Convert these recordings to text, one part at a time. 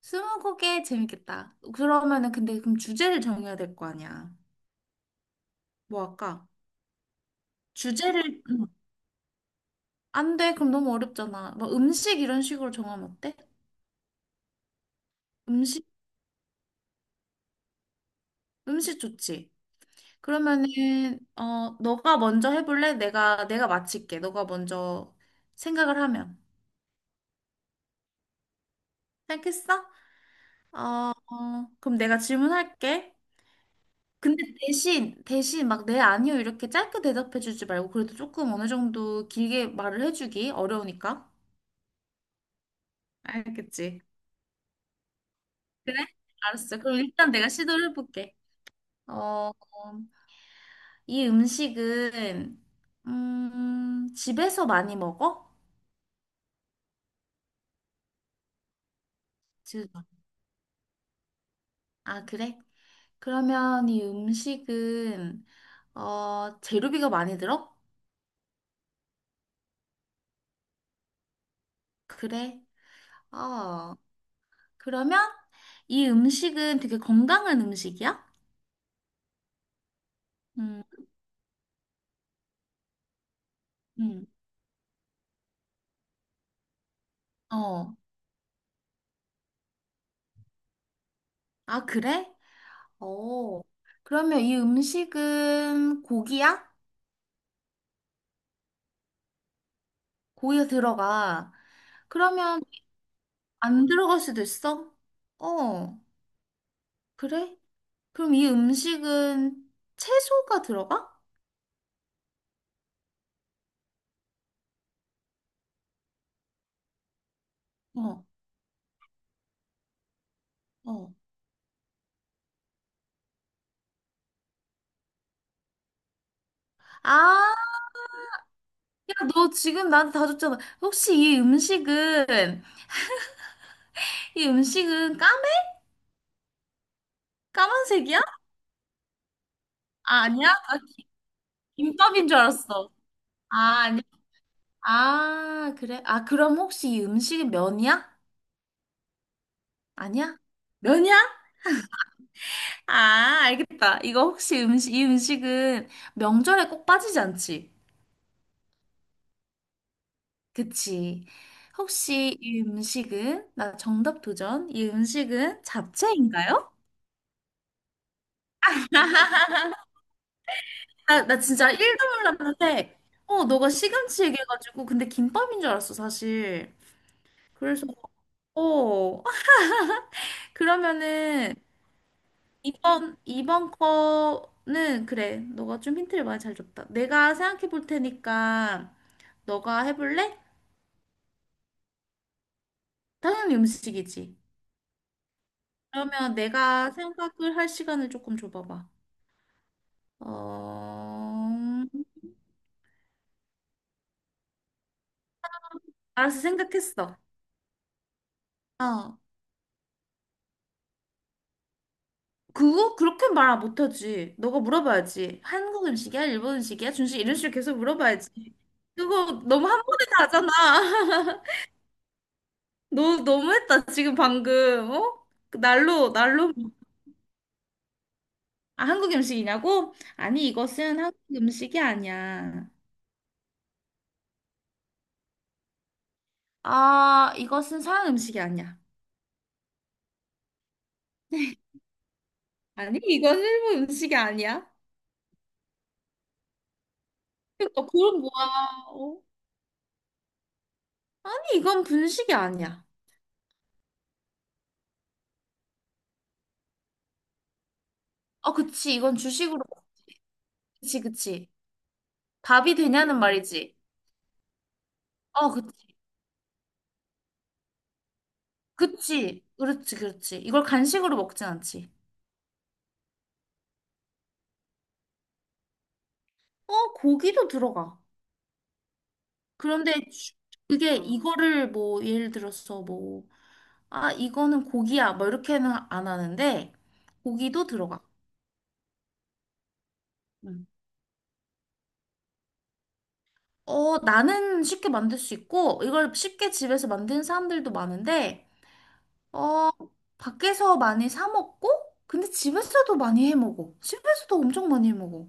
스무고개 재밌겠다. 그러면은 근데 그럼 주제를 정해야 될 거 아니야. 뭐 할까? 주제를 안 돼. 그럼 너무 어렵잖아. 뭐 음식 이런 식으로 정하면 어때? 음식 음식 좋지. 그러면은 너가 먼저 해볼래? 내가 맞힐게. 너가 먼저 생각을 하면, 생각했어? 어, 어, 그럼 내가 질문할게. 근데 대신 막 네 아니요 이렇게 짧게 대답해주지 말고 그래도 조금 어느 정도 길게 말을 해주기 어려우니까. 알겠지. 그래? 알았어. 그럼 일단 내가 시도를 해볼게. 어, 이 음식은, 집에서 많이 먹어? 집에서. 아, 그래? 그러면 이 음식은, 재료비가 많이 들어? 그래. 어, 그러면 이 음식은 되게 건강한 음식이야? 음, 음, 어. 아, 그래? 어. 그러면 이 음식은 고기야? 고기가 들어가. 그러면 안 들어갈 수도 있어? 어, 그래? 그럼 이 음식은 채소가 들어가? 어, 어. 아, 야, 너 지금 나한테 다 줬잖아. 혹시 이 음식은 까매? 까만색이야? 아, 아니야? 아, 김밥인 줄 알았어. 아, 아니야. 아, 그래? 아, 그럼 혹시 이 음식은 면이야? 아니야? 면이야? 아, 알겠다. 이거 혹시 이 음식은 명절에 꼭 빠지지 않지? 그치. 혹시 이 음식은, 나 정답 도전, 이 음식은 잡채인가요? 나 진짜 1도 몰랐는데, 너가 시금치 얘기해가지고, 근데 김밥인 줄 알았어, 사실. 그래서, 어, 그러면은, 이번 거는, 그래, 너가 좀 힌트를 많이 잘 줬다. 내가 생각해 볼 테니까, 너가 해볼래? 당연히 음식이지. 그러면 내가 생각을 할 시간을 조금 줘봐봐. 어... 알았어, 생각했어. 어. 그거 그렇게 말 못하지. 너가 물어봐야지. 한국 음식이야? 일본 음식이야? 준식 이런 식으로 계속 물어봐야지. 그거 너무 한 번에 다 하잖아. 너 너무했다 지금 방금. 어? 그 날로 뭐, 아, 한국 음식이냐고? 아니 이것은 한국 음식이 아니야. 아 이것은 서양 음식이 아니야. 아니 이건 일본 음식이 아니야. 그러니까 그건 뭐야? 어? 아니 이건 분식이 아니야. 어 그치 이건 주식으로. 그치 그치. 밥이 되냐는 말이지. 어, 그치. 그치. 그렇지, 그렇지. 이걸 간식으로 먹진 않지. 어, 고기도 들어가. 그런데 그게 이거를 뭐, 예를 들어서 뭐, 아, 이거는 고기야. 뭐, 이렇게는 안 하는데, 고기도 들어가. 음. 어, 나는 쉽게 만들 수 있고, 이걸 쉽게 집에서 만드는 사람들도 많은데, 어, 밖에서 많이 사 먹고, 근데 집에서도 많이 해 먹어. 집에서도 엄청 많이 해 먹어.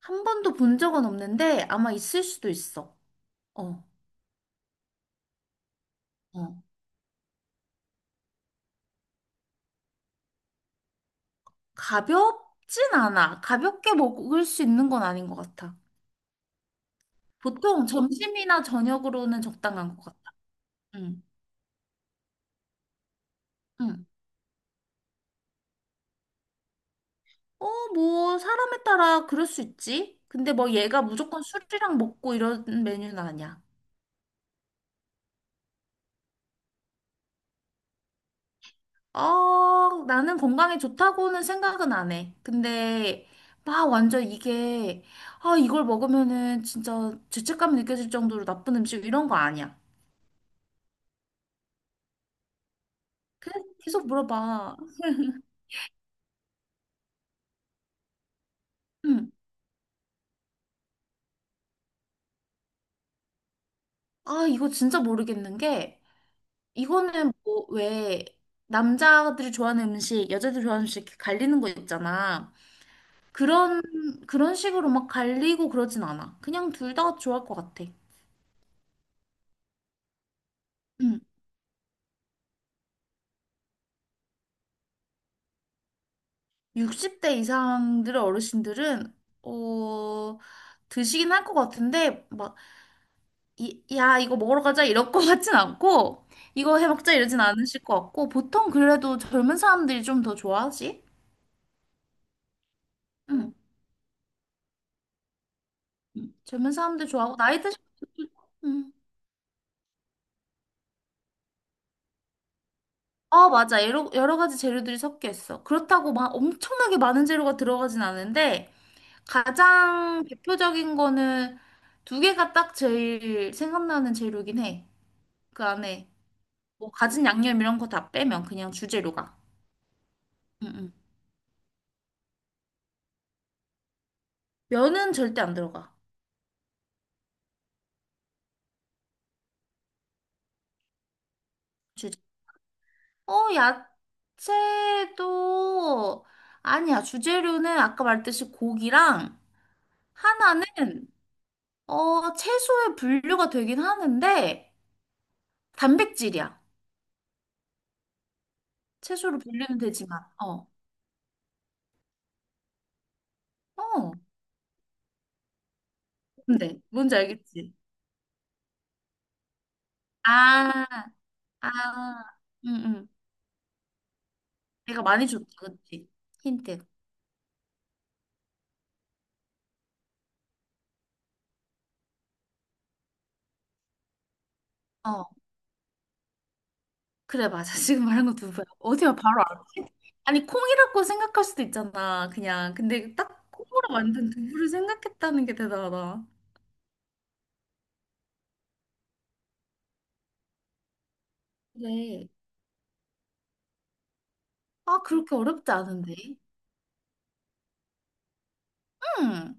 한 번도 본 적은 없는데 아마 있을 수도 있어. 어, 어. 가볍진 않아. 가볍게 먹을 수 있는 건 아닌 것 같아. 보통 점심이나 저녁으로는 적당한 것 같아. 응, 응. 어, 뭐 사람에 따라 그럴 수 있지. 근데 뭐 얘가 무조건 술이랑 먹고 이런 메뉴는 아니야. 어, 나는 건강에 좋다고는 생각은 안 해. 근데 막 완전 이게 아, 이걸 먹으면은 진짜 죄책감이 느껴질 정도로 나쁜 음식 이런 거 아니야. 계속 물어봐. 응. 아, 이거 진짜 모르겠는 게, 이거는 뭐, 왜, 남자들이 좋아하는 음식, 여자들이 좋아하는 음식 이렇게 갈리는 거 있잖아. 그런, 그런 식으로 막 갈리고 그러진 않아. 그냥 둘 다 좋아할 것 같아. 응. 60대 이상들의 어르신들은, 어, 드시긴 할 것 같은데, 막, 야, 이거 먹으러 가자, 이럴 것 같진 않고, 이거 해 먹자, 이러진 않으실 것 같고, 보통 그래도 젊은 사람들이 좀 더 좋아하지? 응. 젊은 사람들 좋아하고 나이 드신. 음. 어 맞아 여러 가지 재료들이 섞여 있어. 그렇다고 막 엄청나게 많은 재료가 들어가진 않은데 가장 대표적인 거는 두 개가 딱 제일 생각나는 재료긴 해. 그 안에 뭐 가진 양념 이런 거 다 빼면 그냥 주재료가, 응, 응. 면은 절대 안 들어가. 주재 어 야채도 아니야. 주재료는 아까 말했듯이 고기랑 하나는 채소에 분류가 되긴 하는데, 단백질이야. 채소로 분류는 되지만, 어, 어. 근데, 뭔지 알겠지? 아, 아, 응, 응. 내가 많이 줬다, 그치? 힌트. 어, 그래, 맞아. 지금 말한 거 누구야? 어디야, 바로 알지? 아니, 콩이라고 생각할 수도 있잖아, 그냥. 근데 딱 콩으로 만든 두부를 생각했다는 게 대단하다. 그래. 아, 그렇게 어렵지 않은데. 응.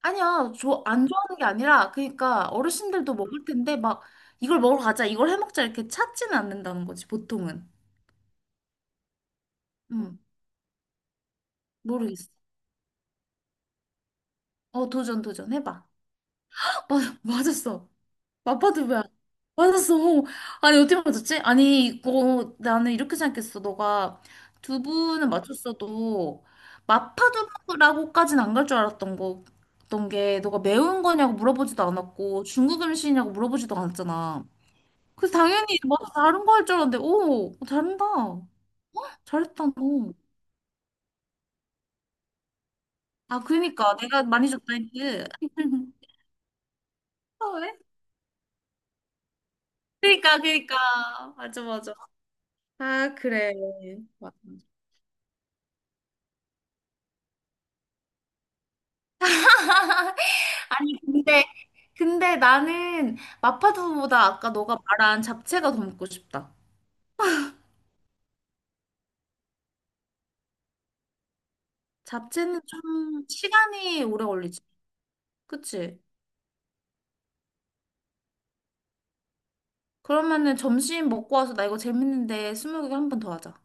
아니야, 저 안 좋아하는 게 아니라, 그러니까 어르신들도 먹을 텐데, 막, 이걸 먹으러 가자, 이걸 해 먹자, 이렇게 찾지는 않는다는 거지, 보통은. 응, 모르겠어. 어, 도전, 도전, 해봐. 맞았어. 맞봐도 왜? 맞았어. 아니, 어떻게 맞았지? 아니, 이거, 나는 이렇게 생각했어. 너가 두부는 맞췄어도, 마파두부라고까지는 안 갈 줄 알았던 거, 어떤 게 너가 매운 거냐고 물어보지도 않았고 중국 음식이냐고 물어보지도 않았잖아. 그 당연히 뭐 다른 거 할 줄 알았는데 오 잘한다 잘했다 너. 아 그니까 내가 많이 줬다 했지. 아, 왜? 그니까 그니까 맞아 맞아. 아 그래. 맞아. 아니 근데 나는 마파두부보다 아까 너가 말한 잡채가 더 먹고 싶다. 잡채는 좀 시간이 오래 걸리지. 그치? 그러면은 점심 먹고 와서 나 이거 재밌는데 스무고개 한 번 더 하자.